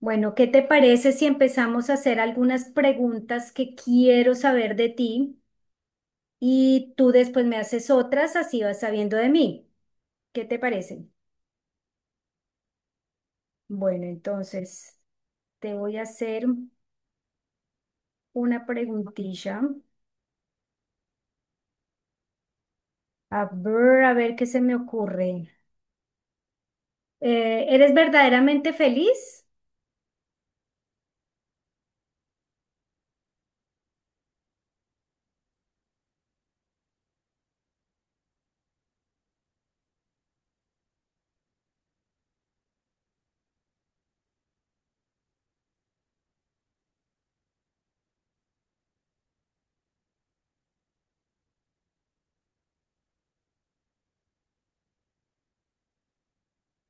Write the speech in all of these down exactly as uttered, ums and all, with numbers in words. Bueno, ¿qué te parece si empezamos a hacer algunas preguntas que quiero saber de ti y tú después me haces otras, así vas sabiendo de mí? ¿Qué te parece? Bueno, entonces te voy a hacer una preguntilla. A ver, a ver qué se me ocurre. Eh, ¿eres verdaderamente feliz?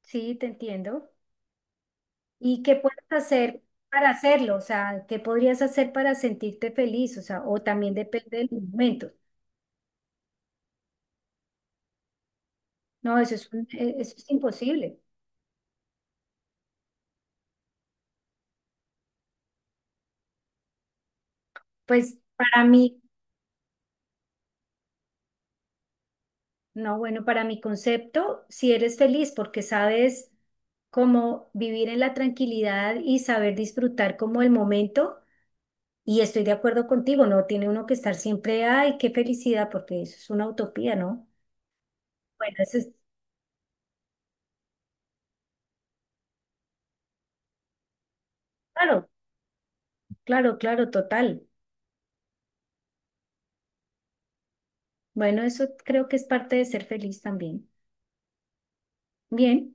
Sí, te entiendo. ¿Y qué puedes hacer para hacerlo? O sea, ¿qué podrías hacer para sentirte feliz? O sea, o también depende del momento. No, eso es, un- e- eso es imposible. Pues para mí, no, bueno, para mi concepto, si eres feliz porque sabes cómo vivir en la tranquilidad y saber disfrutar como el momento, y estoy de acuerdo contigo, no tiene uno que estar siempre, ay, qué felicidad, porque eso es una utopía, ¿no? Bueno, eso es, claro, claro, claro, total. Bueno, eso creo que es parte de ser feliz también. Bien,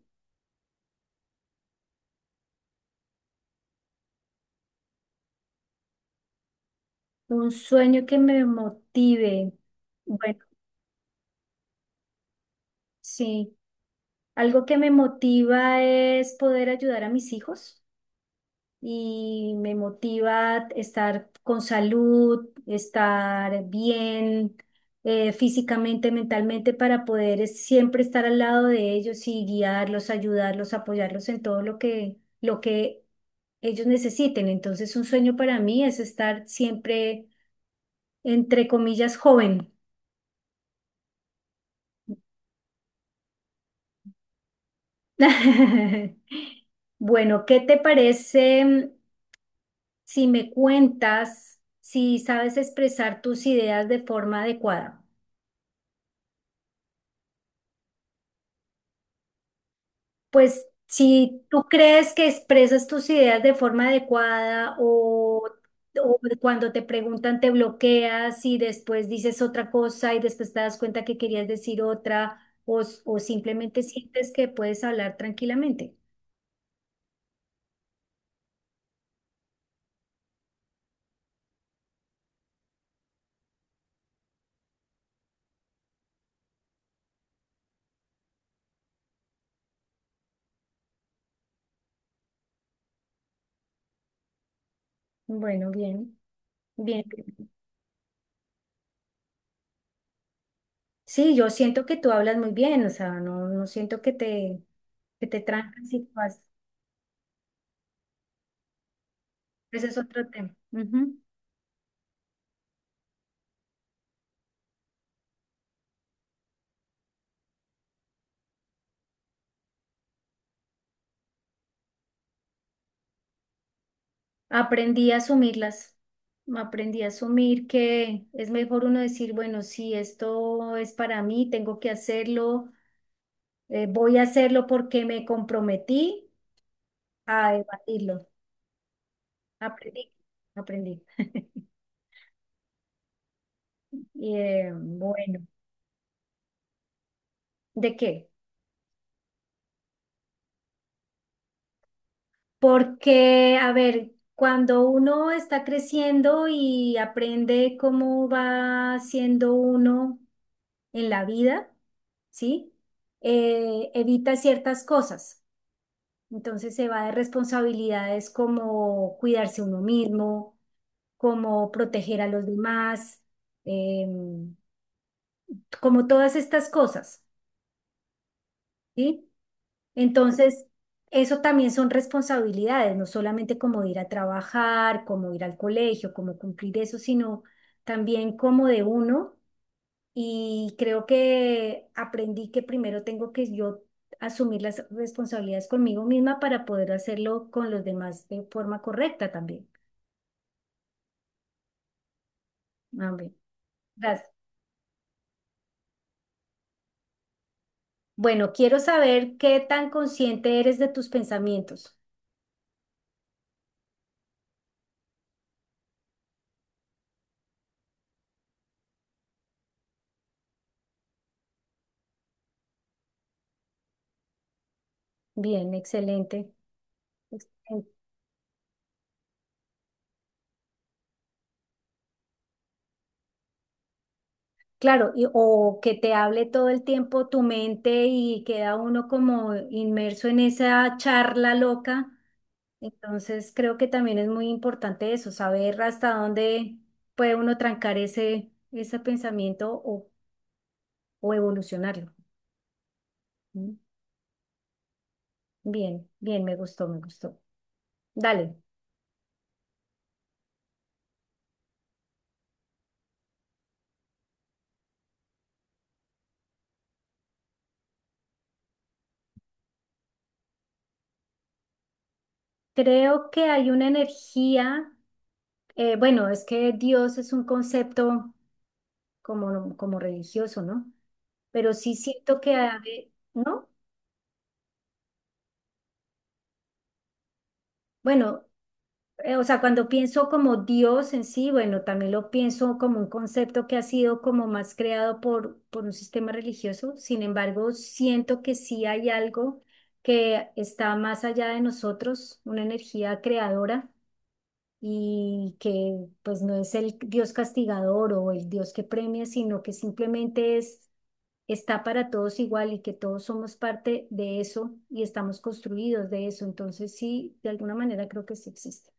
un sueño que me motive. Bueno, sí. Algo que me motiva es poder ayudar a mis hijos y me motiva estar con salud, estar bien eh, físicamente, mentalmente, para poder es- siempre estar al lado de ellos y guiarlos, ayudarlos, apoyarlos en todo lo que, lo que ellos necesiten. Entonces, un sueño para mí es estar siempre, entre comillas, joven. Bueno, ¿qué te parece? Si me cuentas, si sabes expresar tus ideas de forma adecuada. Pues si tú crees que expresas tus ideas de forma adecuada o, o cuando te preguntan te bloqueas y después dices otra cosa y después te das cuenta que querías decir otra o, o simplemente sientes que puedes hablar tranquilamente. Bueno, bien, bien. Sí, yo siento que tú hablas muy bien, o sea, no, no siento que te, que te trancas y tú haces- Ese es otro tema. Ujú. Aprendí a asumirlas, aprendí a asumir que es mejor uno decir, bueno, si esto es para mí, tengo que hacerlo, eh, voy a hacerlo porque me comprometí a debatirlo. Aprendí, aprendí. Y eh, bueno, ¿de qué? Porque, a ver, cuando uno está creciendo y aprende cómo va siendo uno en la vida, ¿sí? Eh, evita ciertas cosas. Entonces se va de responsabilidades como cuidarse uno mismo, como proteger a los demás, em, como todas estas cosas, ¿sí? Entonces, eso también son responsabilidades, no solamente como ir a trabajar, como ir al colegio, como cumplir eso, sino también como de uno. Y creo que aprendí que primero tengo que yo asumir las responsabilidades conmigo misma para poder hacerlo con los demás de forma correcta también. Ah, bien. Gracias. Bueno, quiero saber qué tan consciente eres de tus pensamientos. Bien, excelente. Excelente. Claro, y- o que te hable todo el tiempo tu mente y queda uno como inmerso en esa charla loca. Entonces, creo que también es muy importante eso, saber hasta dónde puede uno trancar ese, ese pensamiento o, o evolucionarlo. ¿Mm? Bien, bien, me gustó, me gustó. Dale. Creo que hay una energía. Eh, bueno, es que Dios es un concepto como, como religioso, ¿no? Pero sí siento que, a ve- ¿no? Bueno, eh, o sea, cuando pienso como Dios en sí, bueno, también lo pienso como un concepto que ha sido como más creado por, por un sistema religioso. Sin embargo, siento que sí hay algo que está más allá de nosotros, una energía creadora y que pues no es el Dios castigador o el Dios que premia, sino que simplemente es está para todos igual y que todos somos parte de eso y estamos construidos de eso. Entonces, sí, de alguna manera creo que sí existe.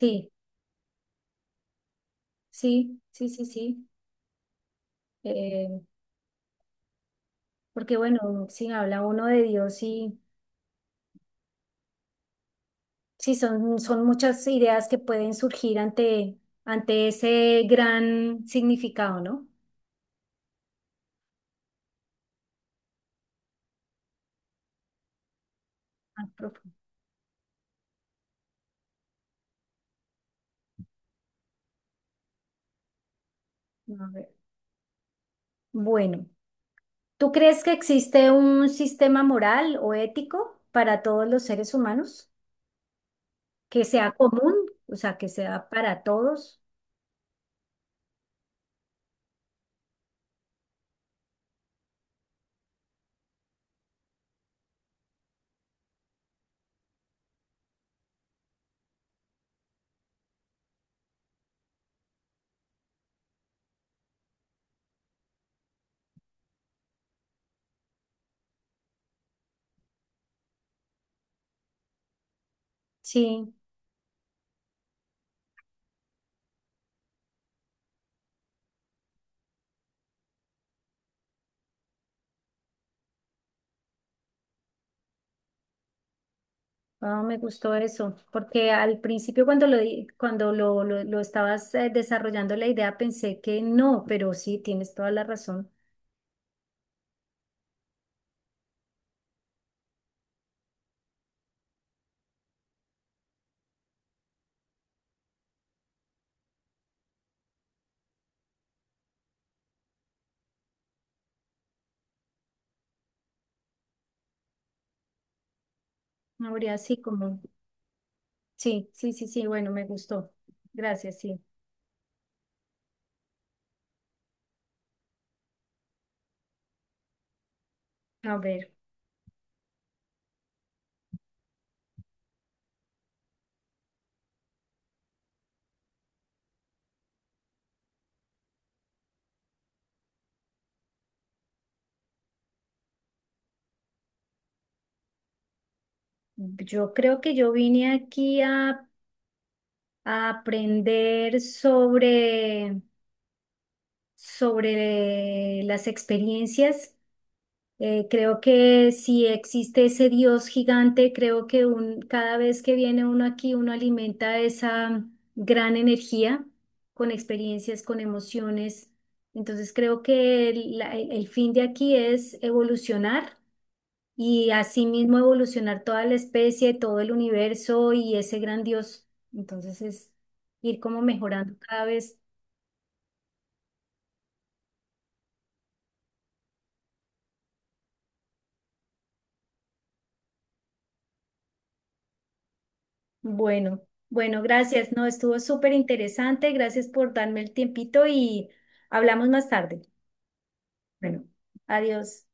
Sí, sí, sí, sí, sí. Eh, Porque bueno, si habla uno de Dios y sí, son, son muchas ideas que pueden surgir ante, ante ese gran significado, ¿no? Ah, profundo. A ver. Bueno, ¿tú crees que existe un sistema moral o ético para todos los seres humanos? Que sea común, o sea, que sea para todos. Sí, ah, me gustó eso, porque al principio cuando lo, di- cuando lo, lo, lo estabas eh, desarrollando la idea pensé que no, pero sí, tienes toda la razón. No habría así como, sí, sí, sí, sí, bueno, me gustó. Gracias, sí. A ver, yo creo que yo vine aquí a, a aprender sobre, sobre las experiencias. Eh, creo que si existe ese Dios gigante, creo que un, cada vez que viene uno aquí, uno alimenta esa gran energía con experiencias, con emociones. Entonces creo que el, la- el- el fin de aquí es evolucionar y asimismo evolucionar toda la especie, todo el universo y ese gran Dios. Entonces es ir como mejorando cada vez. Bueno, bueno, gracias. No, estuvo súper interesante. Gracias por darme el tiempito y hablamos más tarde. Bueno, adiós.